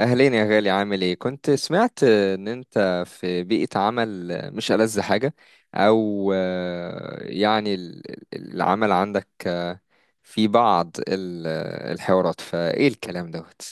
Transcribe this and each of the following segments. أهلين يا غالي، عامل إيه؟ كنت سمعت إن أنت في بيئة عمل مش ألذ حاجة. أو يعني العمل عندك، في بعض الحوارات، فإيه الكلام دوت؟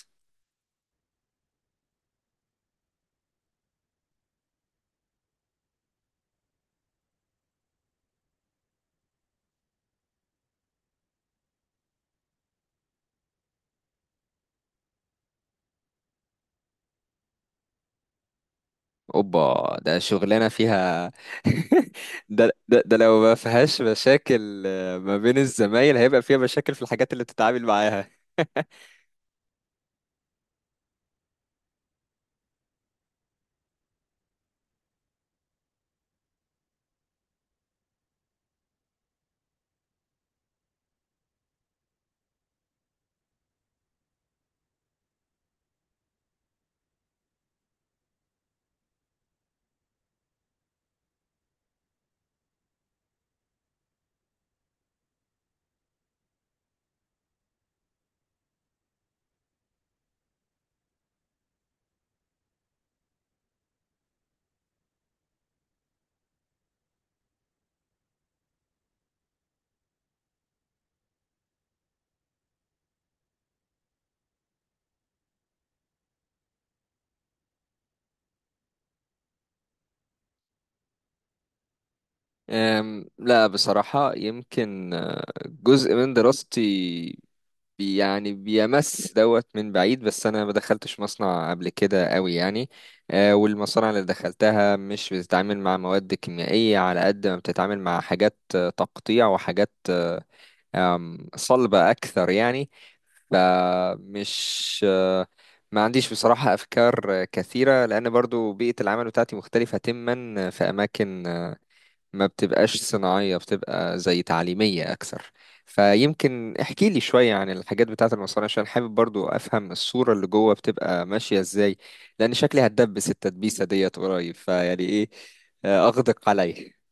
أوبا، ده شغلانة فيها. ده لو ما فيهاش مشاكل، ما بين الزمايل هيبقى فيها مشاكل في الحاجات اللي بتتعامل معاها. لا بصراحة، يمكن جزء من دراستي يعني بيمس دوت من بعيد، بس انا ما دخلتش مصنع قبل كده قوي يعني. والمصانع اللي دخلتها مش بتتعامل مع مواد كيميائية على قد ما بتتعامل مع حاجات تقطيع، وحاجات آه، آم، صلبة اكثر يعني. فمش آه، ما عنديش بصراحة أفكار كثيرة، لأن برضو بيئة العمل بتاعتي مختلفة تماما في أماكن ما بتبقاش صناعية، بتبقى زي تعليمية أكثر. فيمكن احكي لي شوية عن الحاجات بتاعة المصانع، عشان حابب برضو أفهم الصورة اللي جوه بتبقى ماشية إزاي. لأن شكلي هتدبس التدبيسة ديت قريب، فيعني إيه، أغدق عليه.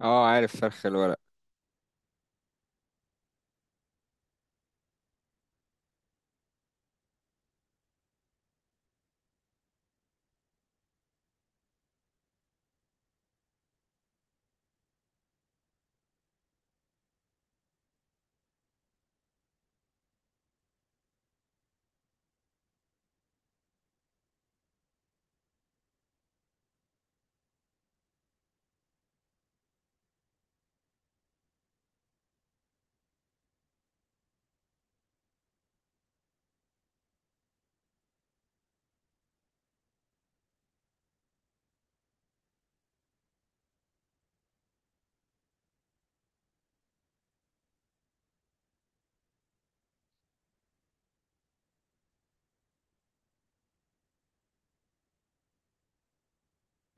اه، عارف فرخ الورق.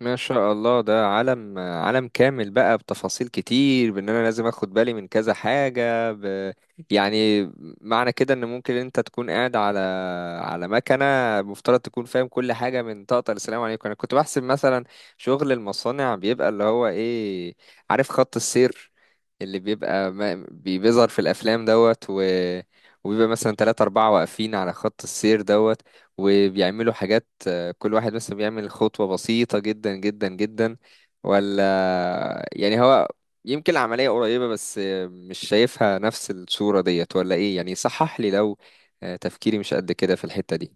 ما شاء الله، ده عالم، عالم كامل بقى بتفاصيل كتير. بان انا لازم اخد بالي من كذا حاجة يعني، معنى كده ان ممكن انت تكون قاعد على مكنة، مفترض تكون فاهم كل حاجة من طاقة السلام عليكم. انا كنت بحسب مثلا شغل المصانع بيبقى اللي هو ايه، عارف، خط السير اللي بيبقى ما... بي- بيظهر في الافلام دوت، وبيبقى مثلا تلاتة أربعة واقفين على خط السير دوت، وبيعملوا حاجات. كل واحد بس بيعمل خطوة بسيطة جدا جدا جدا. ولا يعني، هو يمكن العملية قريبة، بس مش شايفها نفس الصورة ديت ولا ايه؟ يعني صحح لي لو تفكيري مش قد كده في الحتة دي.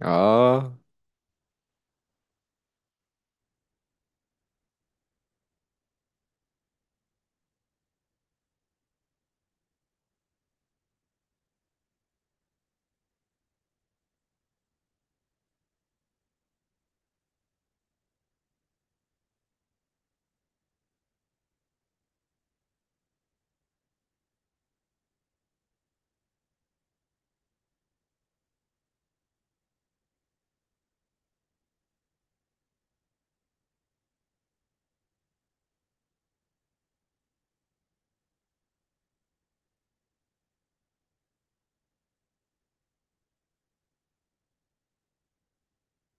اه،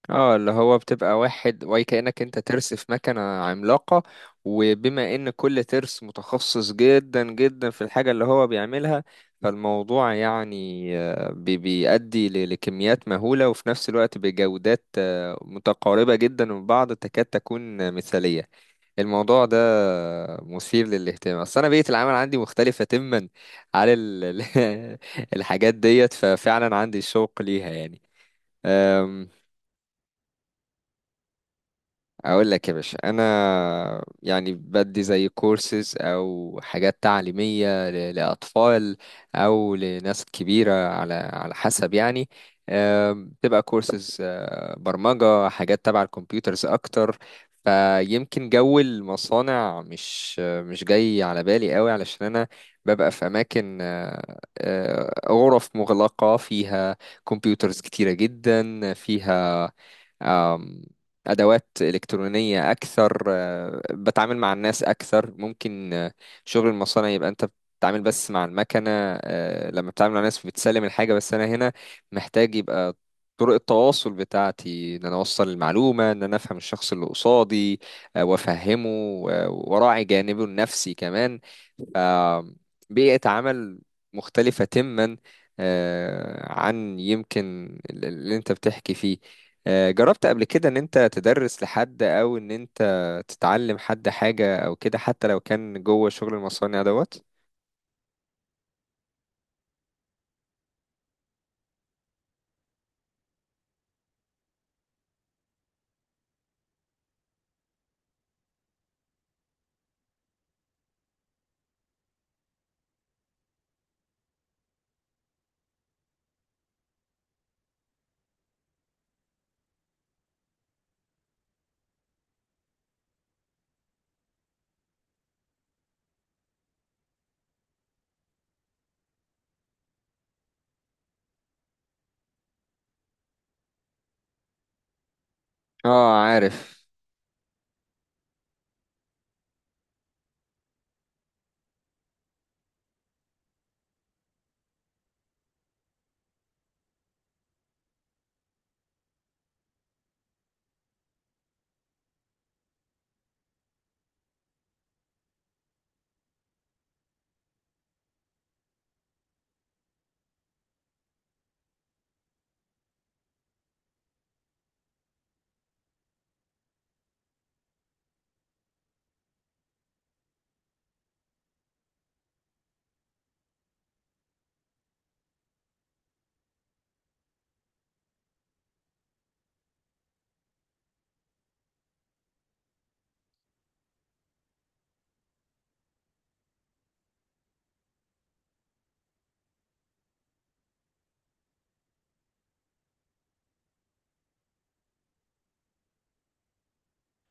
اه، اللي هو بتبقى واحد، وهي كأنك انت ترس في مكنة عملاقة. وبما ان كل ترس متخصص جدا جدا في الحاجة اللي هو بيعملها، فالموضوع يعني بيؤدي لكميات مهولة، وفي نفس الوقت بجودات متقاربة جدا من بعض، تكاد تكون مثالية. الموضوع ده مثير للاهتمام، اصل انا بيئة العمل عندي مختلفة تماما على الحاجات ديت، ففعلا عندي شوق ليها يعني. اقول لك يا باشا، انا يعني بدي زي كورسز او حاجات تعليميه لاطفال او لناس كبيره، على حسب يعني. بتبقى كورسز برمجه، حاجات تبع الكمبيوترز اكتر. فيمكن جو المصانع مش جاي على بالي قوي، علشان انا ببقى في اماكن غرف مغلقه فيها كمبيوترز كتيره جدا. فيها آم، أدوات إلكترونية أكثر، بتعامل مع الناس أكثر. ممكن شغل المصانع يبقى أنت بتتعامل بس مع المكنة، لما بتتعامل مع الناس بتسلم الحاجة بس. أنا هنا محتاج يبقى طرق التواصل بتاعتي إن أنا أوصل المعلومة، إن أنا أفهم الشخص اللي قصادي، وأفهمه وأراعي جانبه النفسي كمان. بيئة عمل مختلفة تماما عن يمكن اللي انت بتحكي فيه. جربت قبل كده ان انت تدرس لحد او ان انت تتعلم حد حاجة او كده، حتى لو كان جوه شغل المصانع دوت؟ اه، عارف.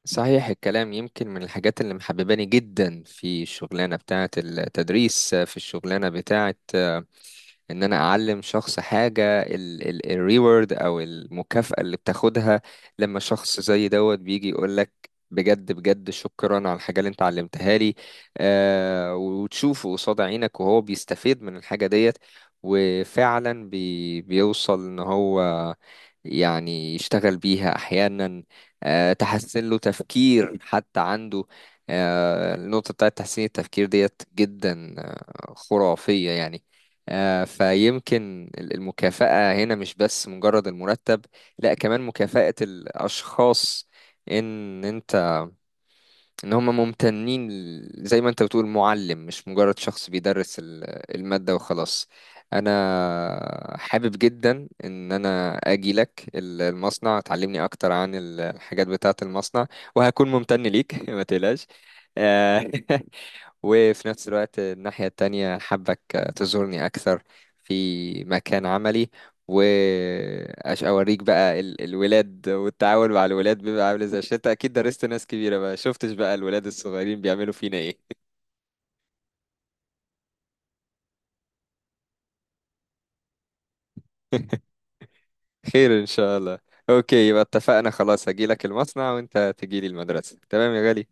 صحيح الكلام. يمكن من الحاجات اللي محبباني جدا في الشغلانة بتاعة التدريس، في الشغلانة بتاعة ان انا اعلم شخص حاجه، الريورد او المكافاه اللي بتاخدها لما شخص زي دوت بيجي يقول لك بجد بجد شكرا على الحاجه اللي انت علمتها لي. وتشوفه قصاد عينك وهو بيستفيد من الحاجه ديت، وفعلا بيوصل ان هو يعني يشتغل بيها احيانا. تحسن له تفكير حتى عنده. النقطه بتاعت تحسين التفكير ديت جدا خرافيه يعني. فيمكن المكافأة هنا مش بس مجرد المرتب، لا كمان مكافأة الأشخاص، إن أنت إن هم ممتنين زي ما أنت بتقول. معلم مش مجرد شخص بيدرس المادة وخلاص. أنا حابب جدا إن أنا أجي لك المصنع تعلمني أكتر عن الحاجات بتاعة المصنع، وهكون ممتن ليك. ما تقلقش. آه، وفي نفس الوقت الناحية التانية حابك تزورني أكثر في مكان عملي، وأوريك بقى الولاد، والتعامل مع الولاد بيبقى عامل ازاي. عشان انت أكيد درست ناس كبيرة بقى، شفتش بقى الولاد الصغيرين بيعملوا فينا ايه؟ خير إن شاء الله. أوكي، يبقى اتفقنا خلاص، هجيلك المصنع وانت تجيلي المدرسة، تمام يا غالي.